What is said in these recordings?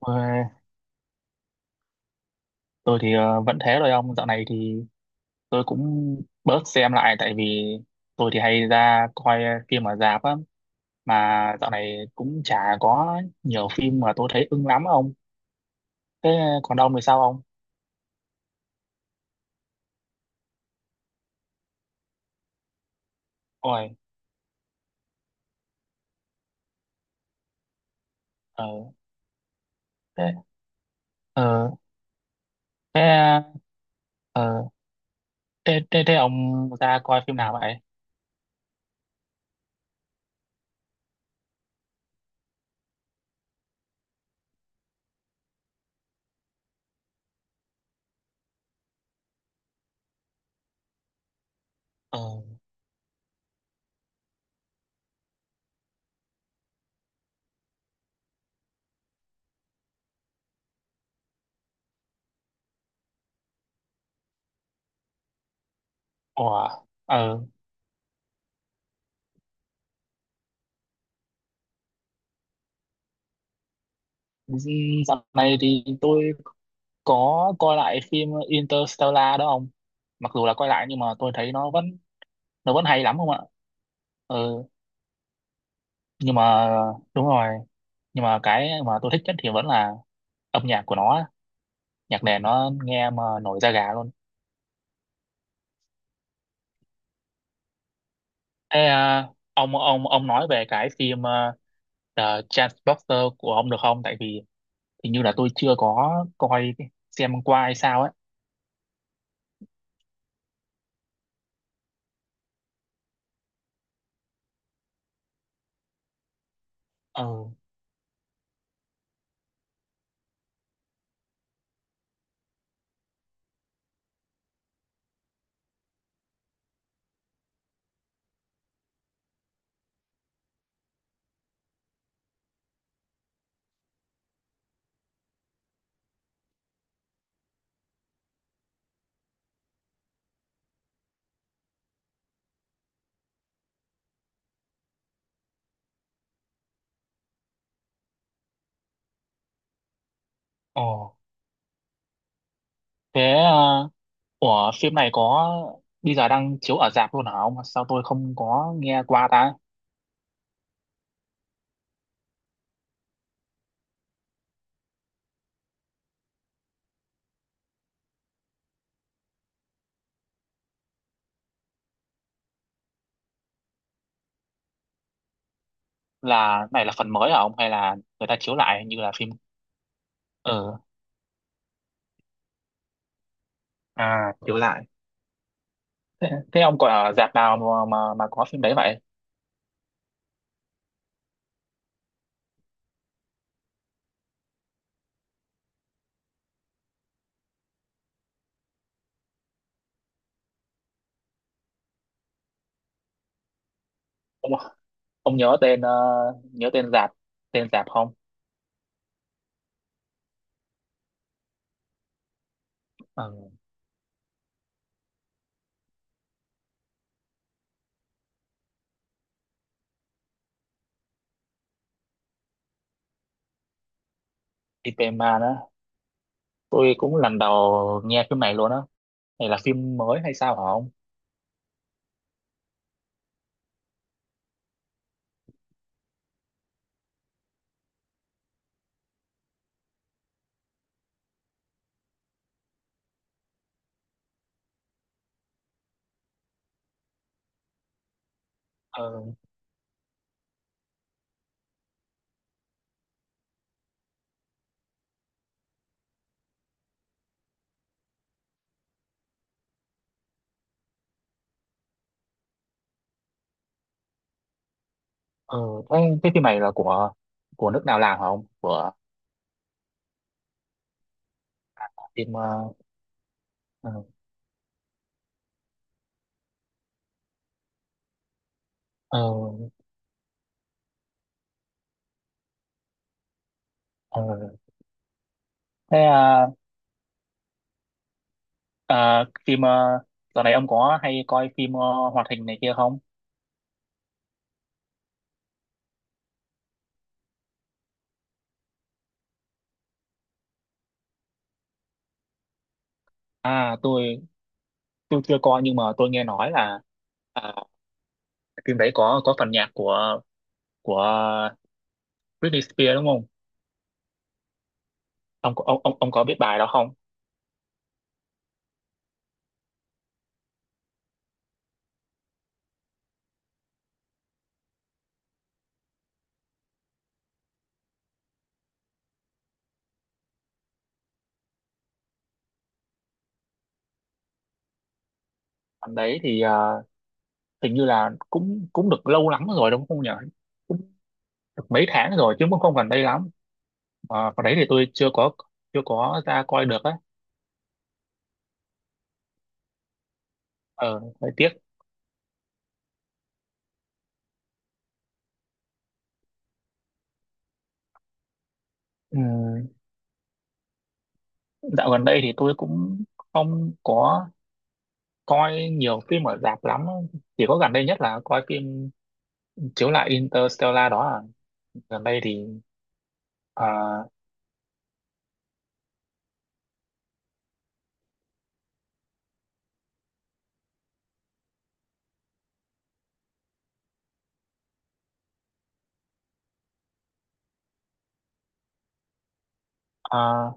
Ờ, tôi thì vẫn thế rồi, ông. Dạo này thì tôi cũng bớt xem lại, tại vì tôi thì hay ra coi phim ở rạp á, mà dạo này cũng chả có nhiều phim mà tôi thấy ưng lắm á ông. Thế còn ông thì sao, ông? Ôi. Ờ. Thế. Ờ. Thế. Ờ. Thế ông ra coi phim nào vậy? Ờ ủa ờ Dạo này thì tôi có coi lại phim Interstellar đó ông. Mặc dù là coi lại nhưng mà tôi thấy nó vẫn hay lắm không ạ. Ừ. Nhưng mà đúng rồi. Nhưng mà cái mà tôi thích nhất thì vẫn là âm nhạc của nó. Nhạc nền nó nghe mà nổi da gà luôn. Thế à? Ông nói về cái phim The Transporter của ông được không? Tại vì hình như là tôi chưa có coi xem qua hay sao ấy. Ừ. Ồ. Thế à? Ủa, phim này có bây giờ đang chiếu ở rạp luôn hả ông? Sao tôi không có nghe qua ta. Là này là phần mới hả ông, hay là người ta chiếu lại như là phim ờ à? Hiểu lại. Thế ông còn ở rạp nào mà có phim đấy vậy? Ông ông nhớ tên nhớ tên rạp, tên rạp không? ờ Ipema đó. Tôi cũng lần đầu nghe phim này luôn á. Này là phim mới hay sao hả ông? ờ ờ Thế cái phim này là của nước nào làm hả ông, của phim. Ờ ờ ờ ờ. Thế à? À, phim dạo này ông có hay coi phim hoạt hình này kia không? À, tôi chưa coi nhưng mà tôi nghe nói là phim đấy có phần nhạc của của Britney Spears đúng không? Ông có biết bài đó không? Phần đấy thì hình như là cũng cũng được lâu lắm rồi đúng không nhỉ? Cũng được mấy tháng rồi chứ, cũng không gần đây lắm. Phần đấy thì tôi chưa có ra coi được á. Ờ, hơi tiếc. Ừ, dạo gần đây thì tôi cũng không có coi nhiều phim ở rạp lắm. Chỉ có gần đây nhất là coi phim chiếu lại Interstellar đó à. Gần đây thì ờ,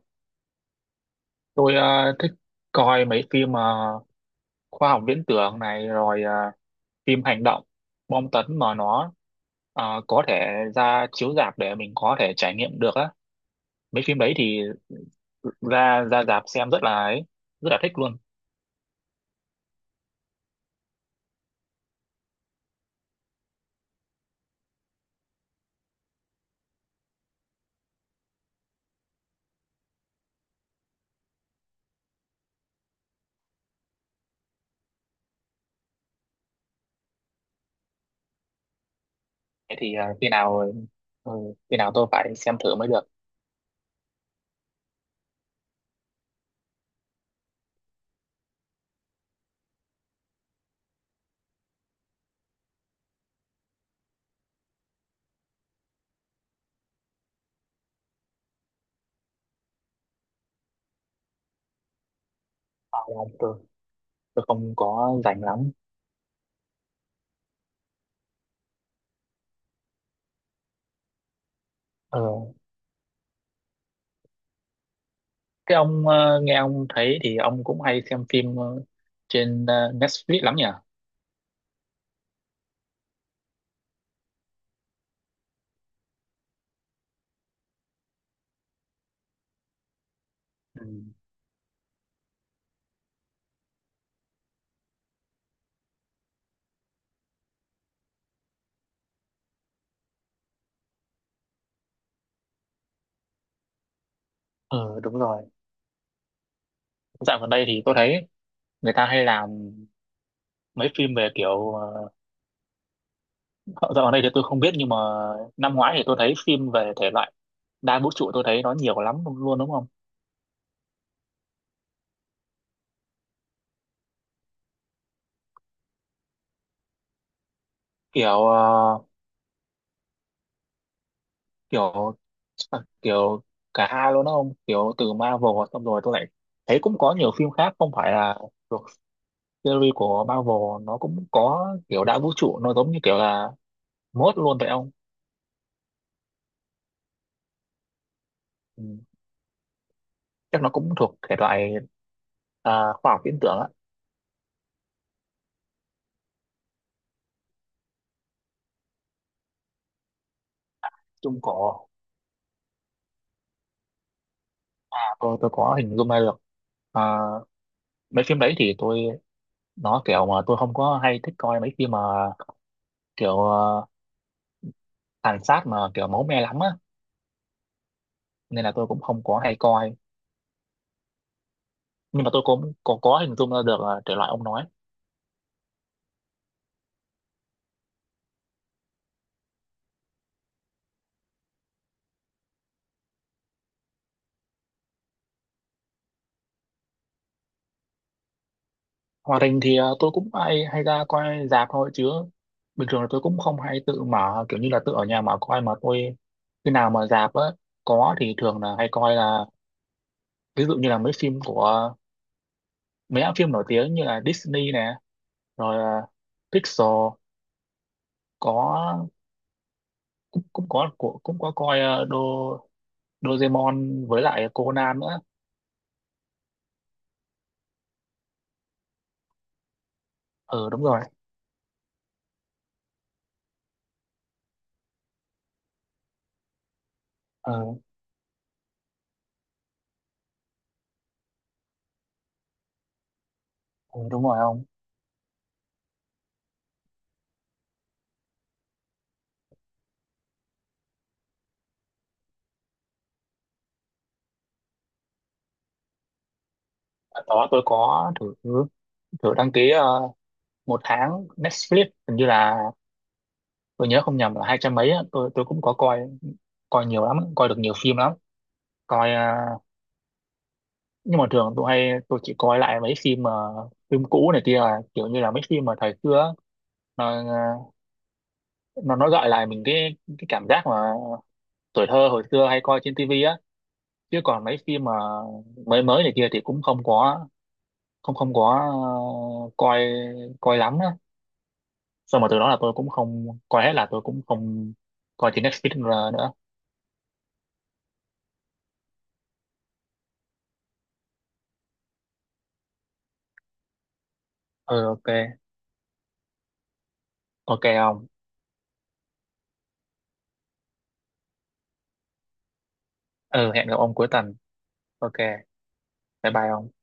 tôi thích coi mấy phim khoa học viễn tưởng này, rồi phim hành động, bom tấn mà nó có thể ra chiếu rạp để mình có thể trải nghiệm được á. Mấy phim đấy thì ra ra rạp xem rất là ấy, rất là thích luôn. Thế thì khi nào, ừ, khi nào tôi phải xem thử mới được. Ờ, Tôi, tôi không có rảnh lắm. Ờ, Thế ông nghe ông thấy thì ông cũng hay xem phim trên Netflix lắm nhỉ? Ừ. Ừ đúng rồi. Dạo gần đây thì tôi thấy người ta hay làm mấy phim về kiểu ờ, dạo gần đây thì tôi không biết, nhưng mà năm ngoái thì tôi thấy phim về thể loại đa vũ trụ, tôi thấy nó nhiều lắm luôn đúng không? Kiểu ờ, kiểu ờ, kiểu cả hai luôn đúng không? Kiểu từ Marvel xong rồi tôi lại thấy cũng có nhiều phim khác không phải là thuộc series của Marvel, nó cũng có kiểu đa vũ trụ, nó giống như kiểu là mốt luôn vậy không? Ừ. Chắc nó cũng thuộc thể loại khoa học viễn tưởng á. Chung cổ à? Tôi có hình dung ra được. À, mấy phim đấy thì tôi, nó kiểu mà tôi không có hay thích coi mấy phim mà kiểu tàn sát mà kiểu máu me lắm á. Nên là tôi cũng không có hay coi, nhưng mà tôi cũng có hình dung ra được thể loại ông nói. Hoạt hình thì tôi cũng hay hay ra coi rạp thôi, chứ bình thường là tôi cũng không hay tự mở kiểu như là tự ở nhà mà coi. Mà tôi khi nào mà rạp á có thì thường là hay coi, là ví dụ như là mấy phim của mấy hãng phim nổi tiếng như là Disney nè, rồi Pixar, có cũng cũng có của cũng có coi Doraemon với lại Conan nữa. Ừ đúng rồi. Ừ, ừ đúng rồi ông. Ở đó tôi có thử thử đăng ký 1 tháng Netflix, hình như là, tôi nhớ không nhầm, là 200 mấy á. Tôi cũng có coi, coi nhiều lắm, coi được nhiều phim lắm. Coi nhưng mà thường tôi chỉ coi lại mấy phim mà, phim cũ này kia à, kiểu như là mấy phim mà thời xưa á. Nó ờ, nó gợi lại mình cái cảm giác mà tuổi thơ hồi xưa hay coi trên tivi á. Chứ còn mấy phim mà mới mới này kia thì cũng không có coi coi lắm á. Xong mà từ đó là tôi cũng không coi hết, là tôi cũng không coi trên Netflix nữa. Ừ. Ok. Ok ông. Ừ, hẹn gặp ông cuối tuần. Ok. Bye bye ông.